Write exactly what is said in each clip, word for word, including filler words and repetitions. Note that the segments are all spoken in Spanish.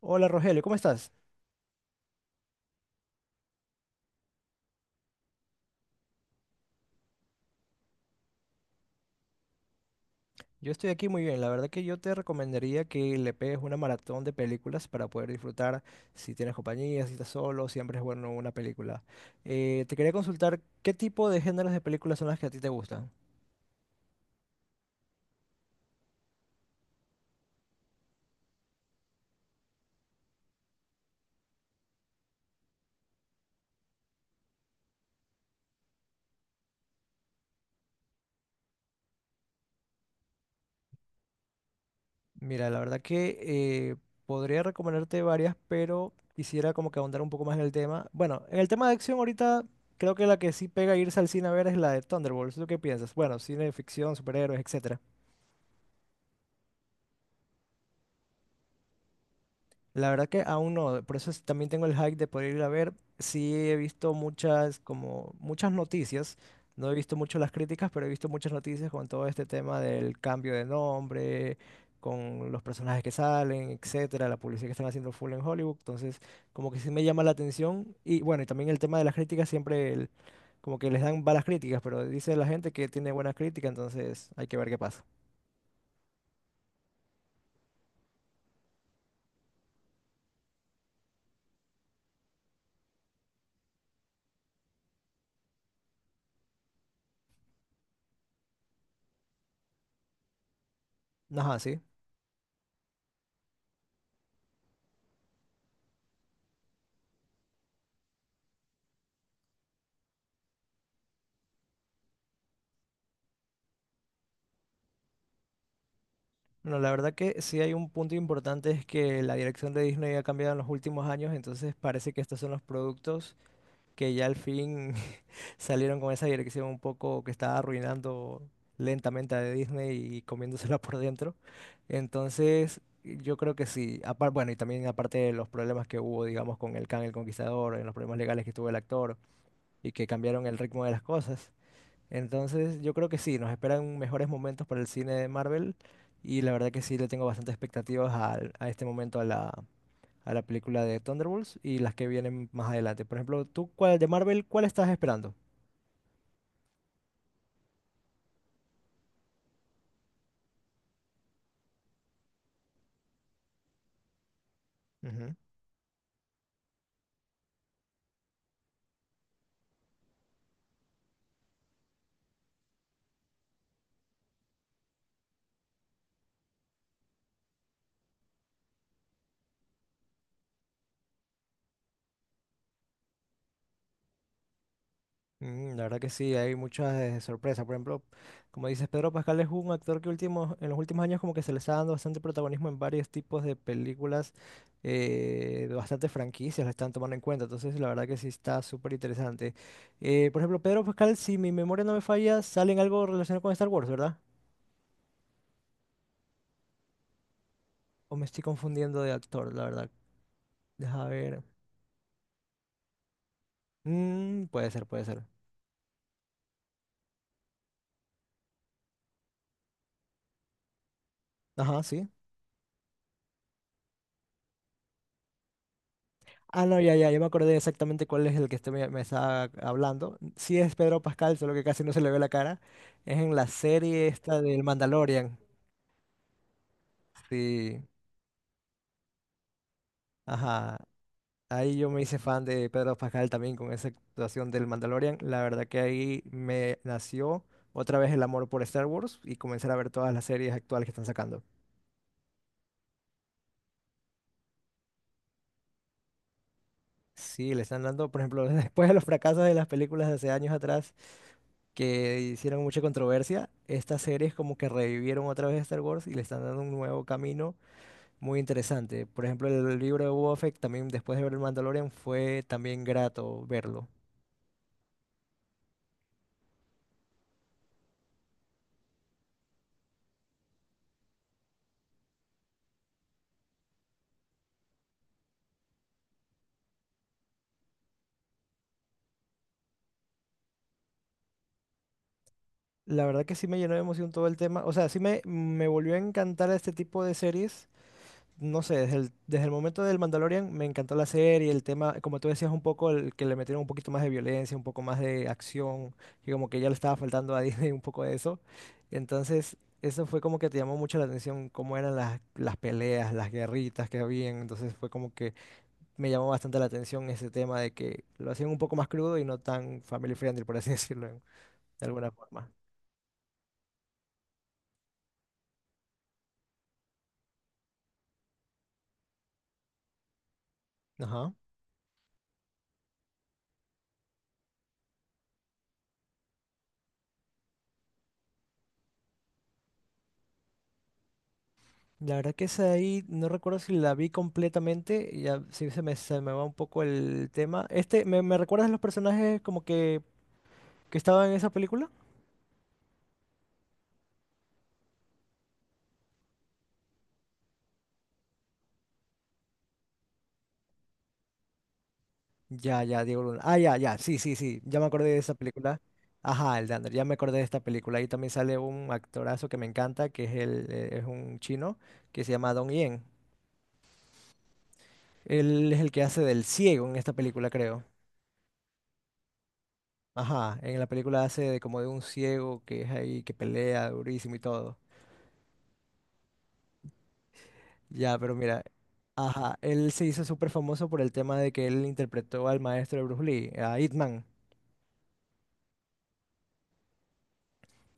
Hola Rogelio, ¿cómo estás? Yo estoy aquí muy bien. La verdad que yo te recomendaría que le pegues una maratón de películas para poder disfrutar si tienes compañía, si estás solo, siempre es bueno una película. Eh, te quería consultar qué tipo de géneros de películas son las que a ti te gustan. Mira, la verdad que eh, podría recomendarte varias, pero quisiera como que ahondar un poco más en el tema. Bueno, en el tema de acción ahorita creo que la que sí pega irse al cine a ver es la de Thunderbolts. ¿Tú qué piensas? Bueno, cine de ficción, superhéroes, etcétera. La verdad que aún no, por eso es- también tengo el hype de poder ir a ver. Sí he visto muchas, como muchas noticias. No he visto mucho las críticas, pero he visto muchas noticias con todo este tema del cambio de nombre, con los personajes que salen, etcétera, la publicidad que están haciendo full en Hollywood. Entonces, como que sí me llama la atención. Y bueno, y también el tema de las críticas, siempre el- como que les dan malas críticas, pero dice la gente que tiene buenas críticas, entonces hay que ver qué pasa. Ajá, sí. Bueno, la verdad que sí hay un punto importante es que la dirección de Disney ha cambiado en los últimos años, entonces parece que estos son los productos que ya al fin salieron con esa dirección un poco que estaba arruinando lentamente a Disney y comiéndosela por dentro. Entonces, yo creo que sí. Apar- bueno, y también aparte de los problemas que hubo, digamos, con el Khan el Conquistador, en los problemas legales que tuvo el actor y que cambiaron el ritmo de las cosas. Entonces, yo creo que sí, nos esperan mejores momentos para el cine de Marvel y la verdad que sí le tengo bastantes expectativas al- a, este momento a la, a la película de Thunderbolts y las que vienen más adelante. Por ejemplo, tú, ¿cuál de Marvel, cuál estás esperando? Ujú. Mm, la verdad que sí, hay muchas eh, sorpresas. Por ejemplo, como dices, Pedro Pascal es un actor que último, en los últimos años como que se le está dando bastante protagonismo en varios tipos de películas, eh, de bastantes franquicias la están tomando en cuenta. Entonces, la verdad que sí está súper interesante. Eh, por ejemplo, Pedro Pascal, si mi memoria no me falla, sale en algo relacionado con Star Wars, ¿verdad? O me estoy confundiendo de actor, la verdad. Deja ver. Mm, puede ser, puede ser. Ajá, sí. Ah, no, ya, ya, yo me acordé exactamente cuál es el que usted me, me estaba hablando. Sí es Pedro Pascal, solo que casi no se le ve la cara. Es en la serie esta del Mandalorian. Sí, ajá. Ahí yo me hice fan de Pedro Pascal también con esa actuación del Mandalorian. La verdad que ahí me nació otra vez el amor por Star Wars y comenzar a ver todas las series actuales que están sacando. Sí, le están dando, por ejemplo, después de los fracasos de las películas de hace años atrás. Que hicieron mucha controversia, estas series como que revivieron otra vez Star Wars y le están dando un nuevo camino muy interesante. Por ejemplo, el libro de Boba Fett, también después de ver el Mandalorian, fue también grato verlo. La verdad que sí me llenó de emoción todo el tema. O sea, sí me, me volvió a encantar este tipo de series no sé, desde el, desde el momento del Mandalorian me encantó la serie, el tema, como tú decías, un poco el que le metieron un poquito más de violencia, un poco más de acción, que como que ya le estaba faltando a Disney un poco de eso. Entonces, eso fue como que te llamó mucho la atención, cómo eran las, las peleas, las guerritas que habían. Entonces fue como que me llamó bastante la atención ese tema de que lo hacían un poco más crudo y no tan family friendly, por así decirlo, de alguna forma. Ajá. La verdad que esa de ahí, no recuerdo si la vi completamente, ya sí se me, se me va un poco el tema. Este, ¿me, me recuerdas los personajes como que, que estaban en esa película? Ya, ya, Diego Luna. Ah, ya, ya, sí, sí, sí, ya me acordé de esa película. Ajá, el Dander, ya me acordé de esta película. Ahí también sale un actorazo que me encanta, que es, el, eh, es un chino, que se llama Dong Yen. Él es el que hace del ciego en esta película, creo. Ajá, en la película hace de como de un ciego que es ahí, que pelea durísimo y todo. Ya, pero mira, ajá, él se hizo súper famoso por el tema de que él interpretó al maestro de Bruce Lee, a Ip Man.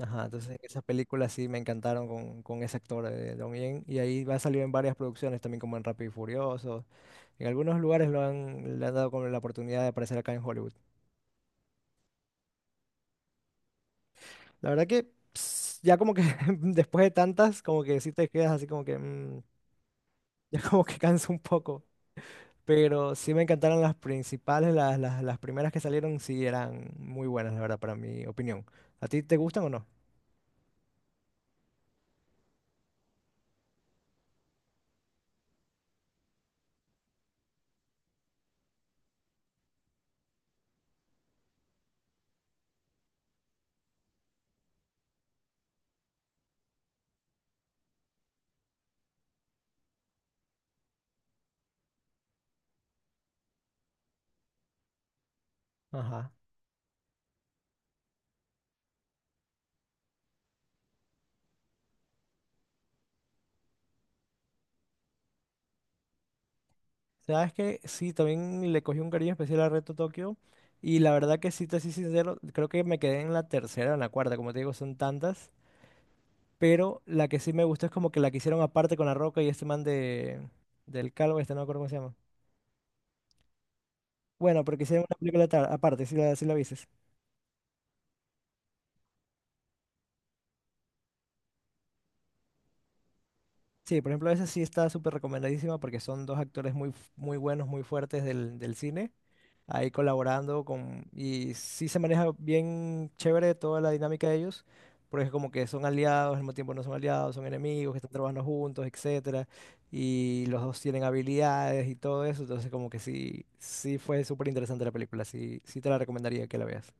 Ajá, entonces esas películas sí me encantaron con, con ese actor de Don Yen. Y ahí va a salir en varias producciones también, como en Rápido y Furioso. En algunos lugares lo han, le han dado como la oportunidad de aparecer acá en Hollywood. La verdad que ps, ya como que después de tantas, como que sí te quedas así como que mm, ya como que cansa un poco. Pero sí me encantaron las principales, las, las, las primeras que salieron sí eran muy buenas, la verdad, para mi opinión. ¿A ti te gustan o no? Ajá. Sabes que sí, también le cogí un cariño especial a Reto Tokio. Y la verdad que sí, te soy sincero, creo que me quedé en la tercera o en la cuarta, como te digo, son tantas. Pero la que sí me gustó es como que la que hicieron aparte con La Roca y este man de, del Calvo, este no me acuerdo cómo se llama. Bueno, pero que hicieron una película tar- aparte, sí la, sí la viste. Sí, por ejemplo, esa sí está súper recomendadísima porque son dos actores muy, f- muy buenos, muy fuertes del, del cine, ahí colaborando con... Y sí se maneja bien chévere toda la dinámica de ellos, porque es como que son aliados, al mismo tiempo no son aliados, son enemigos, que están trabajando juntos, etcétera, y los dos tienen habilidades y todo eso, entonces como que sí, sí fue súper interesante la película, sí, sí te la recomendaría que la veas.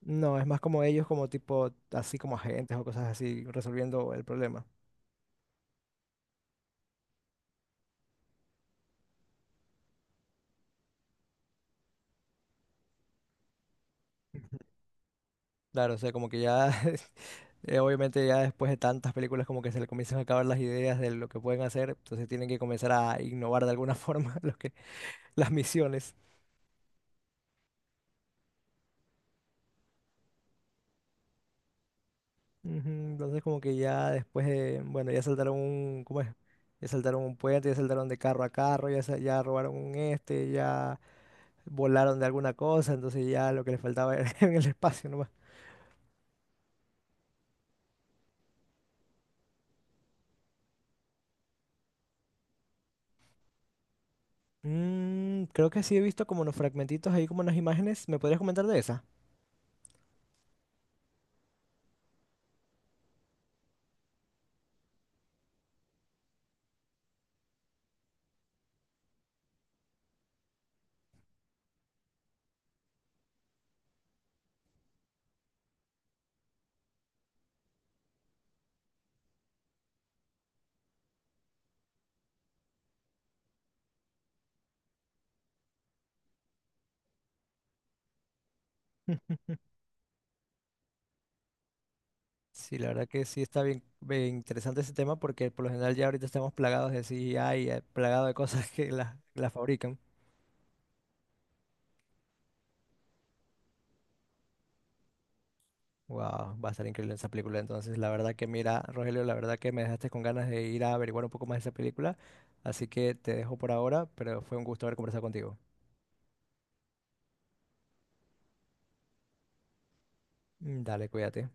No, es más como ellos como tipo, así como agentes o cosas así, resolviendo el problema. Claro, o sea, como que ya Eh, obviamente ya después de tantas películas como que se le comienzan a acabar las ideas de lo que pueden hacer, entonces tienen que comenzar a innovar de alguna forma los que, las misiones. Ujú, entonces como que ya después de, bueno, ya saltaron un, ¿cómo es? Ya saltaron un puente, ya saltaron de carro a carro, ya, sa- ya robaron un este, ya volaron de alguna cosa, entonces ya lo que les faltaba era en el espacio nomás. Mm, creo que sí he visto como unos fragmentitos ahí, como unas imágenes. ¿Me podrías comentar de esa? Sí, la verdad que sí está bien, bien interesante ese tema porque por lo general ya ahorita estamos plagados de C G I, eh, plagados de cosas que las las fabrican. Wow, va a estar increíble esa película. Entonces, la verdad que mira, Rogelio, la verdad que me dejaste con ganas de ir a averiguar un poco más de esa película. Así que te dejo por ahora, pero fue un gusto haber conversado contigo. Mm, dale, cuídate.